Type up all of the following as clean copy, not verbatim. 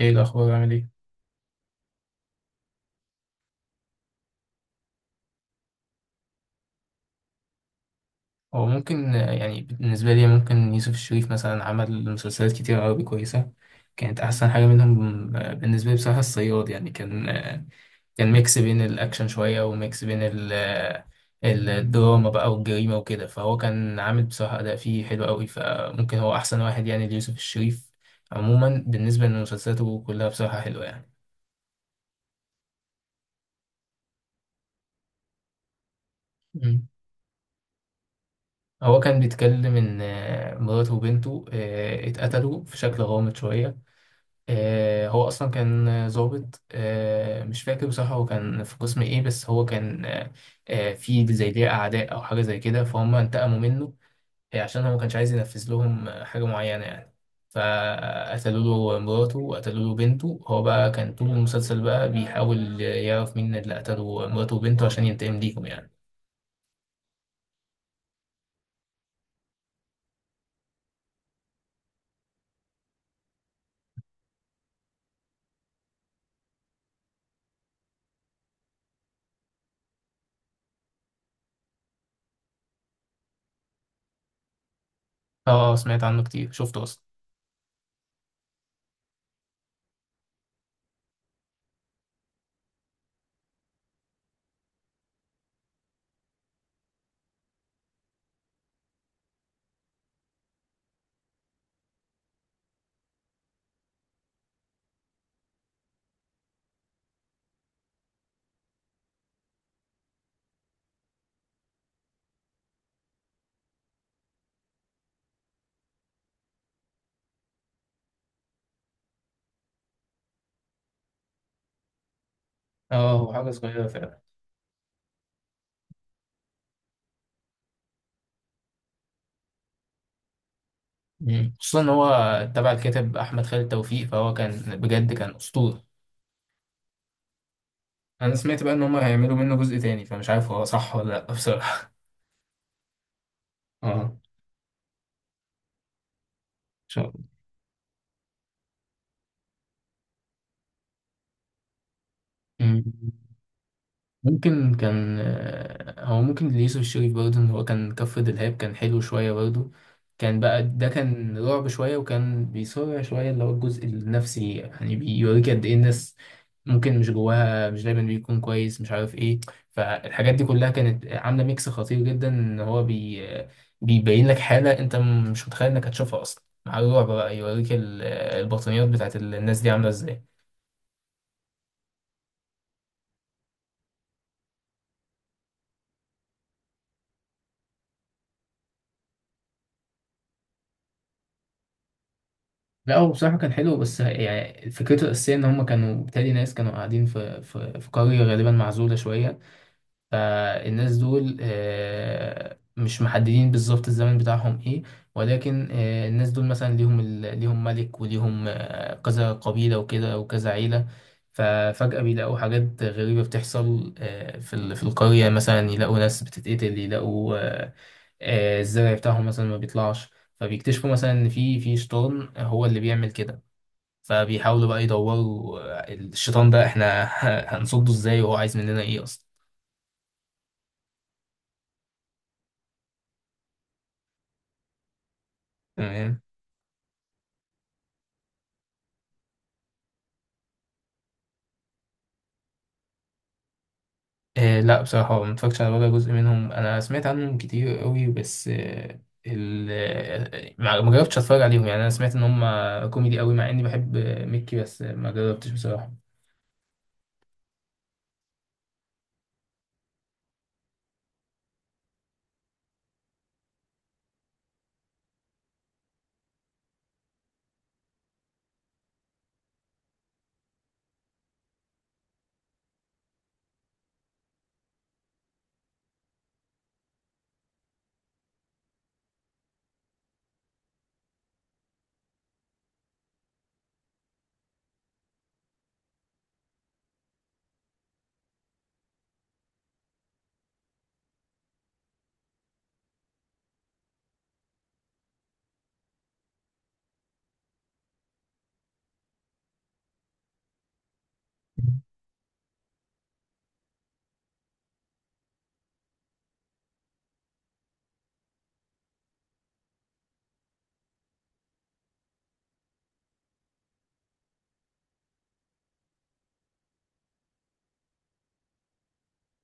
ايه الاخبار عامل ايه؟ هو ممكن، يعني بالنسبه لي ممكن يوسف الشريف مثلا عمل مسلسلات كتير عربي كويسه. كانت احسن حاجه منهم، بالنسبه لي بصراحه الصياد يعني كان، كان ميكس بين الاكشن شويه وميكس بين الدراما بقى والجريمه وكده. فهو كان عامل بصراحه اداء فيه حلو قوي، فممكن هو احسن واحد يعني ليوسف الشريف. عموما بالنسبه لمسلسلاته كلها بصراحه حلوه يعني. مم. هو كان بيتكلم إن، مراته وبنته اتقتلوا في شكل غامض شوية. هو اصلا كان ضابط، مش فاكر بصراحه هو كان في قسم ايه، بس هو كان في زي ليه اعداء او حاجه زي كده، فهم انتقموا منه عشان هو ما كانش عايز ينفذ لهم حاجه معينه يعني. فقتلوا له مراته وقتلوا له بنته. هو بقى كان طول المسلسل بقى بيحاول يعرف مين اللي قتلوا مراته وبنته عشان ينتقم ليهم يعني. اه، سمعت عنه كتير، شفته اصلا. اه هو حاجه صغيره فعلا. خصوصا ان هو تبع الكاتب احمد خالد توفيق، فهو كان بجد كان اسطوره. انا سمعت بقى ان هم هيعملوا منه جزء تاني، فمش عارف هو صح ولا لا بصراحه. اه ان شاء الله. مم. ممكن كان، هو ممكن ليوسف الشريف برضه، ان هو كان كف دلهاب كان حلو شوية برضه. كان بقى ده كان رعب شوية، وكان بيصارع شوية اللي هو الجزء النفسي يعني، بيوريك قد ايه الناس ممكن مش جواها مش دايما بيكون كويس مش عارف ايه. فالحاجات دي كلها كانت عاملة ميكس خطير جدا، ان هو بيبين لك حالة انت مش متخيل انك هتشوفها اصلا، مع الرعب بقى يوريك البطانيات بتاعت الناس دي عاملة ازاي. لا هو بصراحة كان حلو، بس يعني فكرته الأساسية إن هما كانوا بالتالي ناس كانوا قاعدين في قرية غالبا معزولة شوية. فالناس دول، مش محددين بالظبط الزمن بتاعهم إيه، ولكن الناس دول مثلا ليهم ليهم ملك، وليهم كذا قبيلة وكده وكذا عيلة. ففجأة بيلاقوا حاجات غريبة بتحصل في في القرية، مثلا يلاقوا ناس بتتقتل، يلاقوا الزرع بتاعهم مثلا ما بيطلعش. فبيكتشفوا مثلا ان في شيطان هو اللي بيعمل كده. فبيحاولوا بقى يدوروا، الشيطان ده احنا هنصده ازاي، وهو عايز مننا ايه اصلا. تمام. آه لا بصراحة ما اتفرجتش على ولا جزء منهم. انا سمعت عنهم كتير قوي، بس ما جربتش اتفرج عليهم يعني. انا سمعت ان هم كوميدي قوي، مع اني بحب ميكي، بس ما جربتش بصراحة.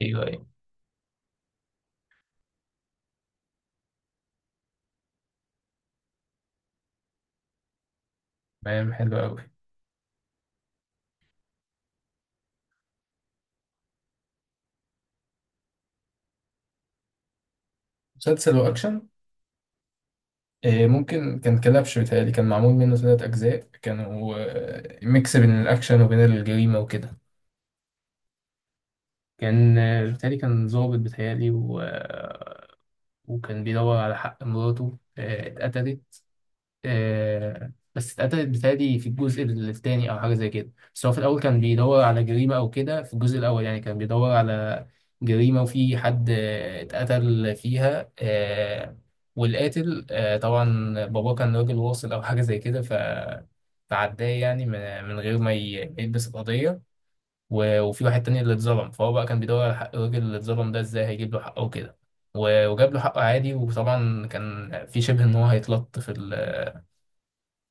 ايوه، ايوه. تمام حلو قوي. مسلسل وأكشن. ممكن كان كلبش بيتهيألي، كان معمول منه 3 أجزاء، كانوا ميكس بين الأكشن وبين الجريمة وكده. كان بالتالي كان ظابط بيتهيألي، وكان بيدور على حق مراته اتقتلت. بس اتقتلت بيتهيألي في الجزء الثاني أو حاجة زي كده. بس هو في الأول كان بيدور على جريمة أو كده. في الجزء الأول يعني كان بيدور على جريمة، وفي حد اتقتل فيها والقاتل، طبعا باباه كان راجل واصل أو حاجة زي كده فعداه يعني من غير ما يلبس القضية. وفي واحد تاني اللي اتظلم، فهو بقى كان بيدور على حق الراجل اللي اتظلم ده ازاي هيجيب له حقه وكده. وجاب له حقه عادي، وطبعا كان في شبه ان هو هيتلط في ال-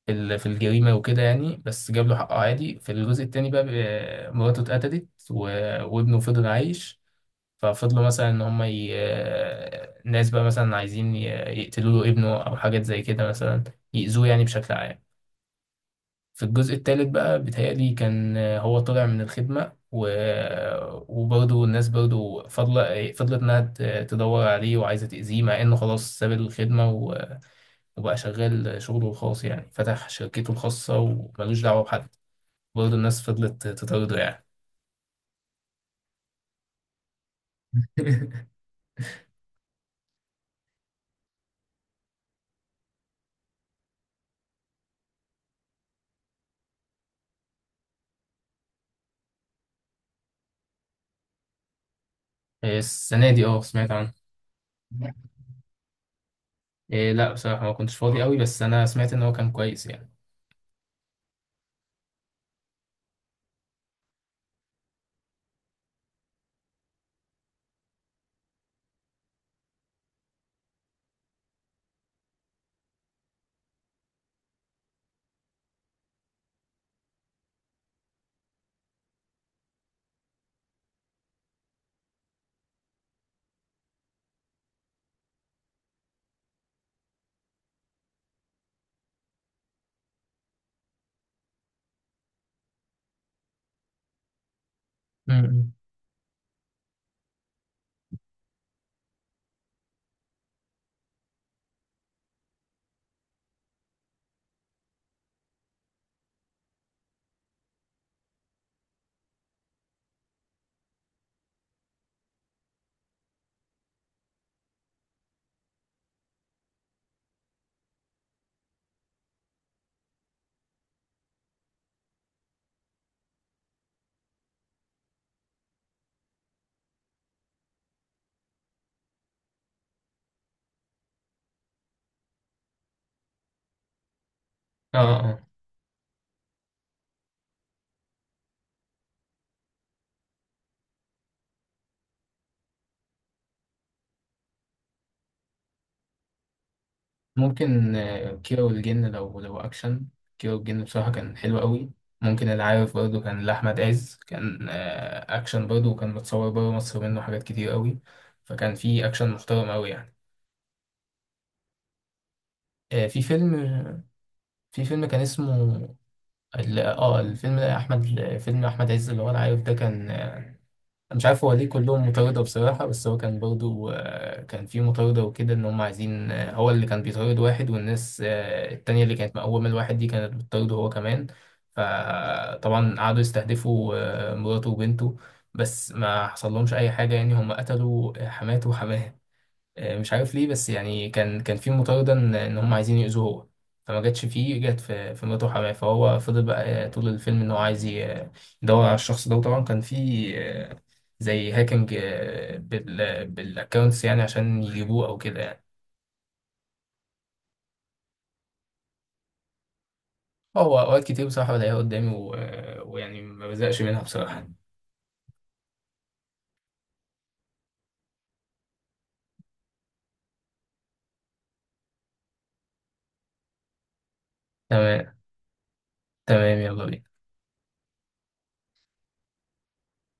في ال- في الجريمه وكده يعني، بس جاب له حقه عادي. في الجزء التاني بقى مراته اتقتلت، وابنه فضل عايش. ففضلوا مثلا ان هم الناس بقى مثلا عايزين يقتلوا له ابنه او حاجات زي كده مثلا، يأذوه يعني بشكل عام. في الجزء الثالث بقى بيتهيألي كان هو طلع من الخدمة، وبرضه الناس برضه فضلت إنها تدور عليه وعايزة تأذيه، مع إنه خلاص ساب الخدمة، وبقى شغال شغله الخاص، يعني فتح شركته الخاصة وملوش دعوة بحد. برضه الناس فضلت تطارده يعني. السنة دي اه، سمعت عنه. إيه لا بصراحة ما كنتش فاضي قوي، بس أنا سمعت إن هو كان كويس يعني. م- م. اه، اه. ممكن كيرة والجن، لو أكشن. كيرة والجن بصراحة كان حلو قوي. ممكن العارف برضه كان لأحمد عز، كان أكشن برضه، وكان متصور بره مصر منه حاجات كتير قوي. فكان في أكشن محترم قوي يعني. آه، في فيلم في فيلم كان اسمه، الفيلم ده أحمد، فيلم أحمد عز اللي هو العارف ده، كان أنا مش عارف هو ليه كلهم مطاردة بصراحة. بس هو كان برضو، كان في مطاردة وكده، إن هم عايزين، هو اللي كان بيطارد واحد، والناس التانية اللي كانت مقومة الواحد دي كانت بتطارده هو كمان. فطبعا قعدوا يستهدفوا مراته وبنته، بس ما حصل لهمش أي حاجة يعني. هم قتلوا حماته وحماه، مش عارف ليه، بس يعني كان في مطارده ان هم عايزين يأذوه هو. فما جاتش فيه، جت في مراته حماه. فهو فضل بقى طول الفيلم ان هو عايز يدور على الشخص ده. وطبعا كان في آه، زي هاكينج بالاكونتس يعني عشان يجيبوه او كده يعني. هو اوقات كتير بصراحه بلاقيها قدامي، ويعني ما بزهقش منها بصراحه. تمام. تمام، يلا بينا.